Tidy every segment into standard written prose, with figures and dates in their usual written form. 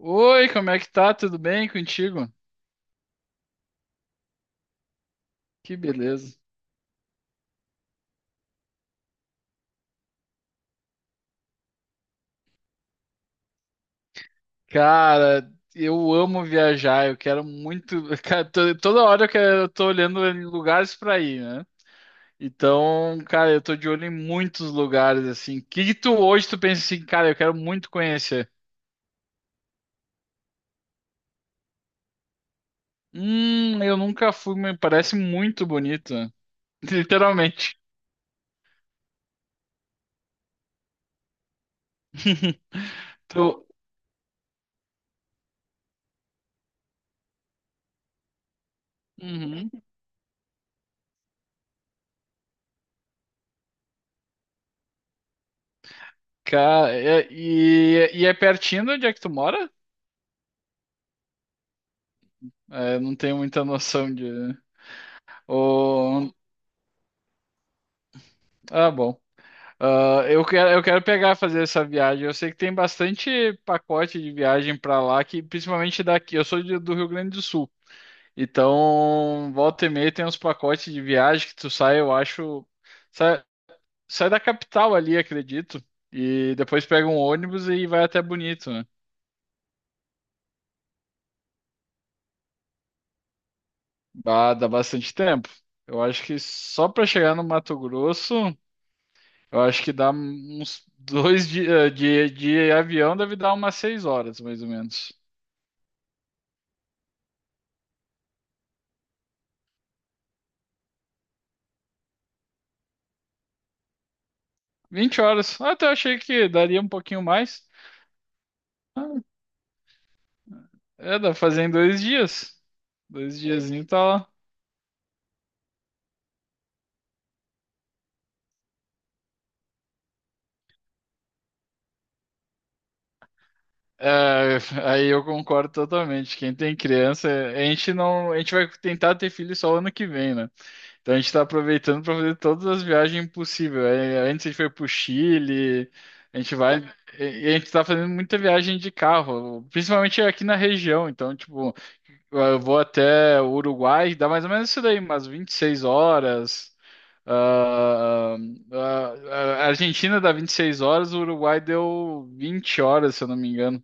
Oi, como é que tá? Tudo bem contigo? Que beleza. Cara, eu amo viajar, eu quero muito. Cara, toda hora eu quero, eu tô olhando em lugares pra ir, né? Então, cara, eu tô de olho em muitos lugares, assim. O que que tu hoje tu pensa assim, cara, eu quero muito conhecer? Eu nunca fui, mas parece muito bonito, né? Literalmente. Tu... Uhum. Cara, e é pertinho de onde é que tu mora? É, eu não tenho muita noção de. Ou... Ah, bom. Ah, eu quero pegar fazer essa viagem. Eu sei que tem bastante pacote de viagem pra lá, que principalmente daqui. Eu sou do Rio Grande do Sul. Então, volta e meia tem uns pacotes de viagem que tu sai, eu acho. Sai, sai da capital ali, acredito. E depois pega um ônibus e vai até Bonito, né? Bah, dá bastante tempo. Eu acho que só pra chegar no Mato Grosso. Eu acho que dá uns dois dias de avião, deve dar umas seis horas, mais ou menos. Vinte horas. Ah, até eu achei que daria um pouquinho mais. Ah, é, dá pra fazer em dois dias. Dois diazinho tá lá. É, aí eu concordo totalmente. Quem tem criança, a gente não, a gente vai tentar ter filho só ano que vem, né? Então a gente está aproveitando para fazer todas as viagens possíveis. É, antes a gente foi para o Chile, a gente vai. E a gente está fazendo muita viagem de carro, principalmente aqui na região. Então, tipo, eu vou até o Uruguai, dá mais ou menos isso daí, umas 26 horas. Ah, ah, a Argentina dá 26 horas, o Uruguai deu 20 horas, se eu não me engano.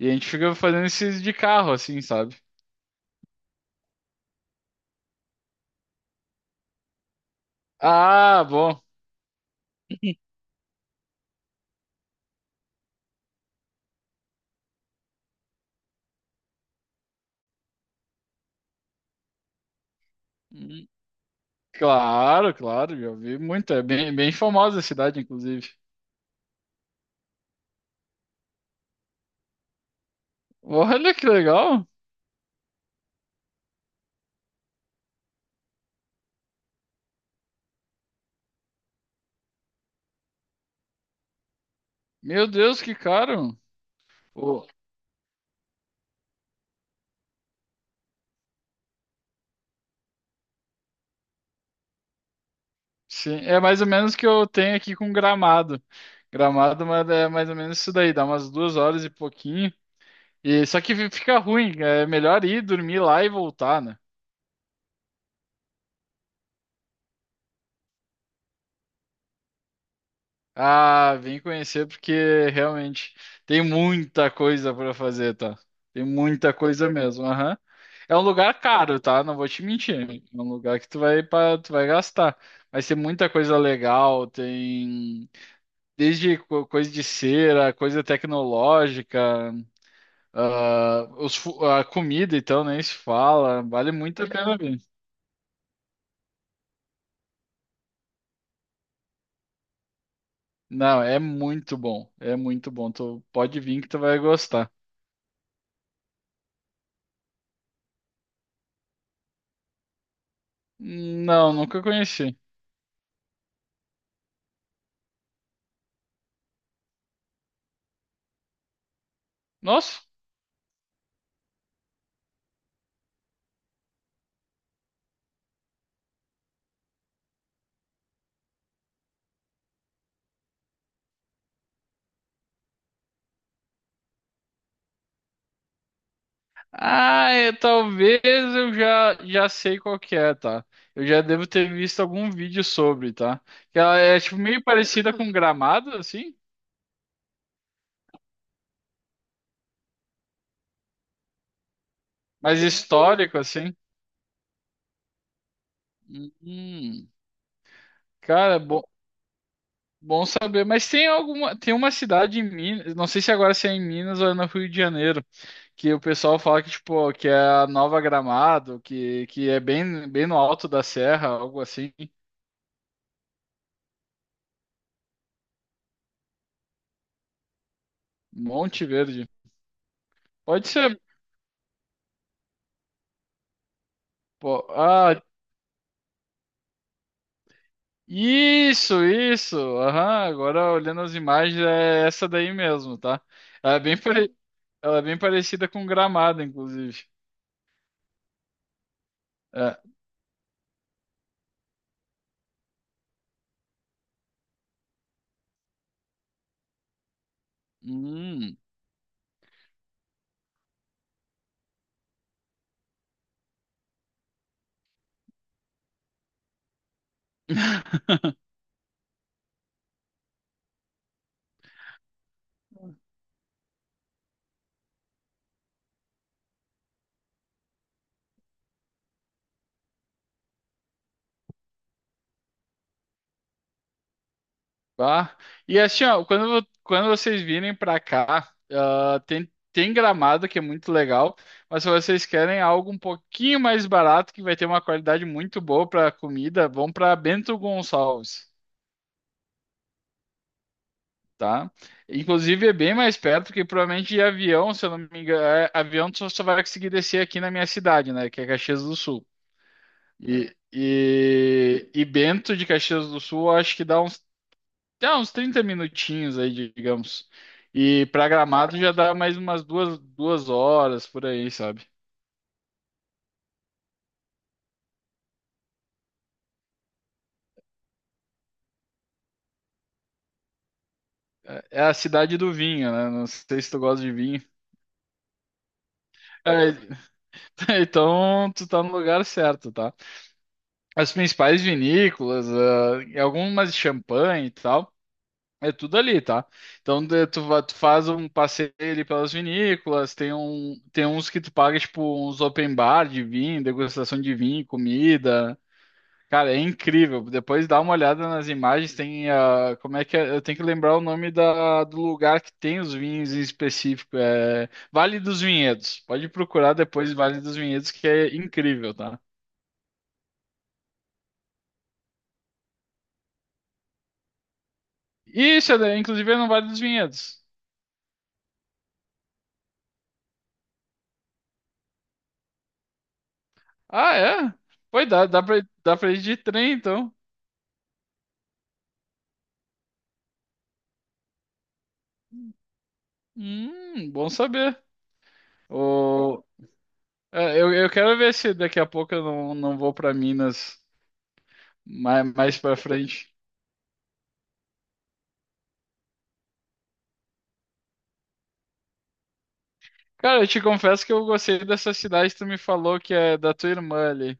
E a gente fica fazendo esses de carro, assim, sabe? Ah, bom. Claro, claro, já vi muito. É bem, bem famosa a cidade, inclusive. Olha que legal! Meu Deus, que caro! Pô, sim, é mais ou menos o que eu tenho aqui com Gramado. Gramado, mas é mais ou menos isso daí, dá umas duas horas e pouquinho. E só que fica ruim, é melhor ir dormir lá e voltar, né? Ah, vem conhecer porque realmente tem muita coisa para fazer, tá? Tem muita coisa mesmo, aham. É um lugar caro, tá? Não vou te mentir. É um lugar que tu vai para, tu vai gastar. Mas tem muita coisa legal, tem desde coisa de cera, coisa tecnológica, ah, a comida então nem se fala, vale muito a pena vir. Não, é muito bom, é muito bom. Tu pode vir que tu vai gostar. Não, nunca conheci. Nossa. Ah, é, talvez eu já sei qual que é, tá? Eu já devo ter visto algum vídeo sobre, tá? Que ela é tipo meio parecida com Gramado, assim, mas histórico, assim. Hum, Cara, bom saber. Mas tem uma cidade em Minas, não sei se agora se é em Minas ou é no Rio de Janeiro, que o pessoal fala que tipo que é a Nova Gramado, que é bem bem no alto da serra, algo assim. Monte Verde. Pode ser. Pô, ah, Isso, isso. Aham, agora olhando as imagens é essa daí mesmo, tá? Ela é bem, pare- Ela é bem parecida com Gramado, inclusive. É. Hum. Tá? E assim, ó, quando vocês virem pra cá, ah, tem Gramado, que é muito legal, mas se vocês querem algo um pouquinho mais barato, que vai ter uma qualidade muito boa pra comida, vão pra Bento Gonçalves. Tá? Inclusive é bem mais perto que provavelmente de avião, se eu não me engano, é, avião tu só vai conseguir descer aqui na minha cidade, né? Que é Caxias do Sul. E Bento de Caxias do Sul eu acho que dá uns 30 minutinhos aí, digamos. E para Gramado já dá mais umas duas horas por aí, sabe? É a cidade do vinho, né? Não sei se tu gosta de vinho. É, então tu tá no lugar certo, tá? As principais vinícolas, ah, e algumas de champanhe e tal. É tudo ali, tá? Então tu faz um passeio ali pelas vinícolas, tem uns que tu paga, tipo, uns open bar de vinho, degustação de vinho, comida. Cara, é incrível. Depois dá uma olhada nas imagens, tem a. Como é que é? Eu tenho que lembrar o nome da, do lugar que tem os vinhos em específico. É Vale dos Vinhedos. Pode procurar depois Vale dos Vinhedos, que é incrível, tá? Isso, é, inclusive é no Vale dos Vinhedos. Ah, é? Pois dá, dá pra ir de trem, então. Bom saber. O, é, eu quero ver se daqui a pouco eu não vou pra Minas mais para frente. Cara, eu te confesso que eu gostei dessa cidade que tu me falou que é da tua irmã ali,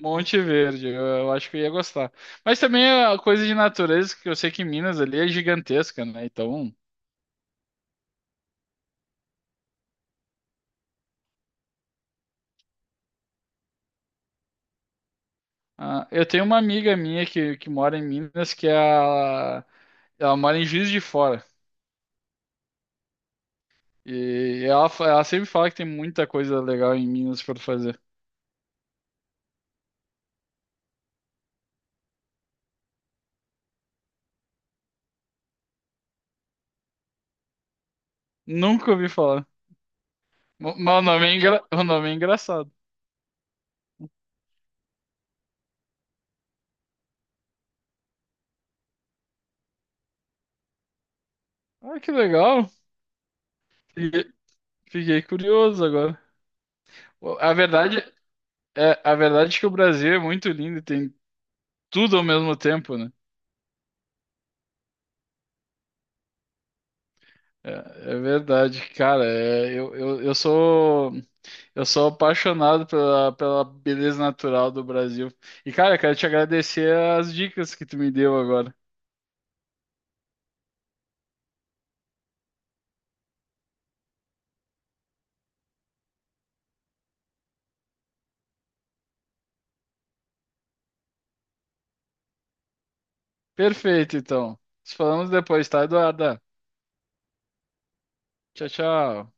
Monte Verde. Eu acho que eu ia gostar. Mas também a coisa de natureza, que eu sei que Minas ali é gigantesca, né? Então, ah, eu tenho uma amiga minha que mora em Minas, que é a, ela mora em Juiz de Fora. E ela sempre fala que tem muita coisa legal em Minas para fazer. Nunca ouvi falar. Mas o nome o nome é engraçado. Ah, que legal. Fiquei, fiquei curioso agora. A verdade é que o Brasil é muito lindo e tem tudo ao mesmo tempo, né? É, é, verdade, cara. Eu sou apaixonado pela beleza natural do Brasil. E, cara, quero te agradecer as dicas que tu me deu agora. Perfeito, então. Nos falamos depois, tá, Eduarda? Tchau, tchau.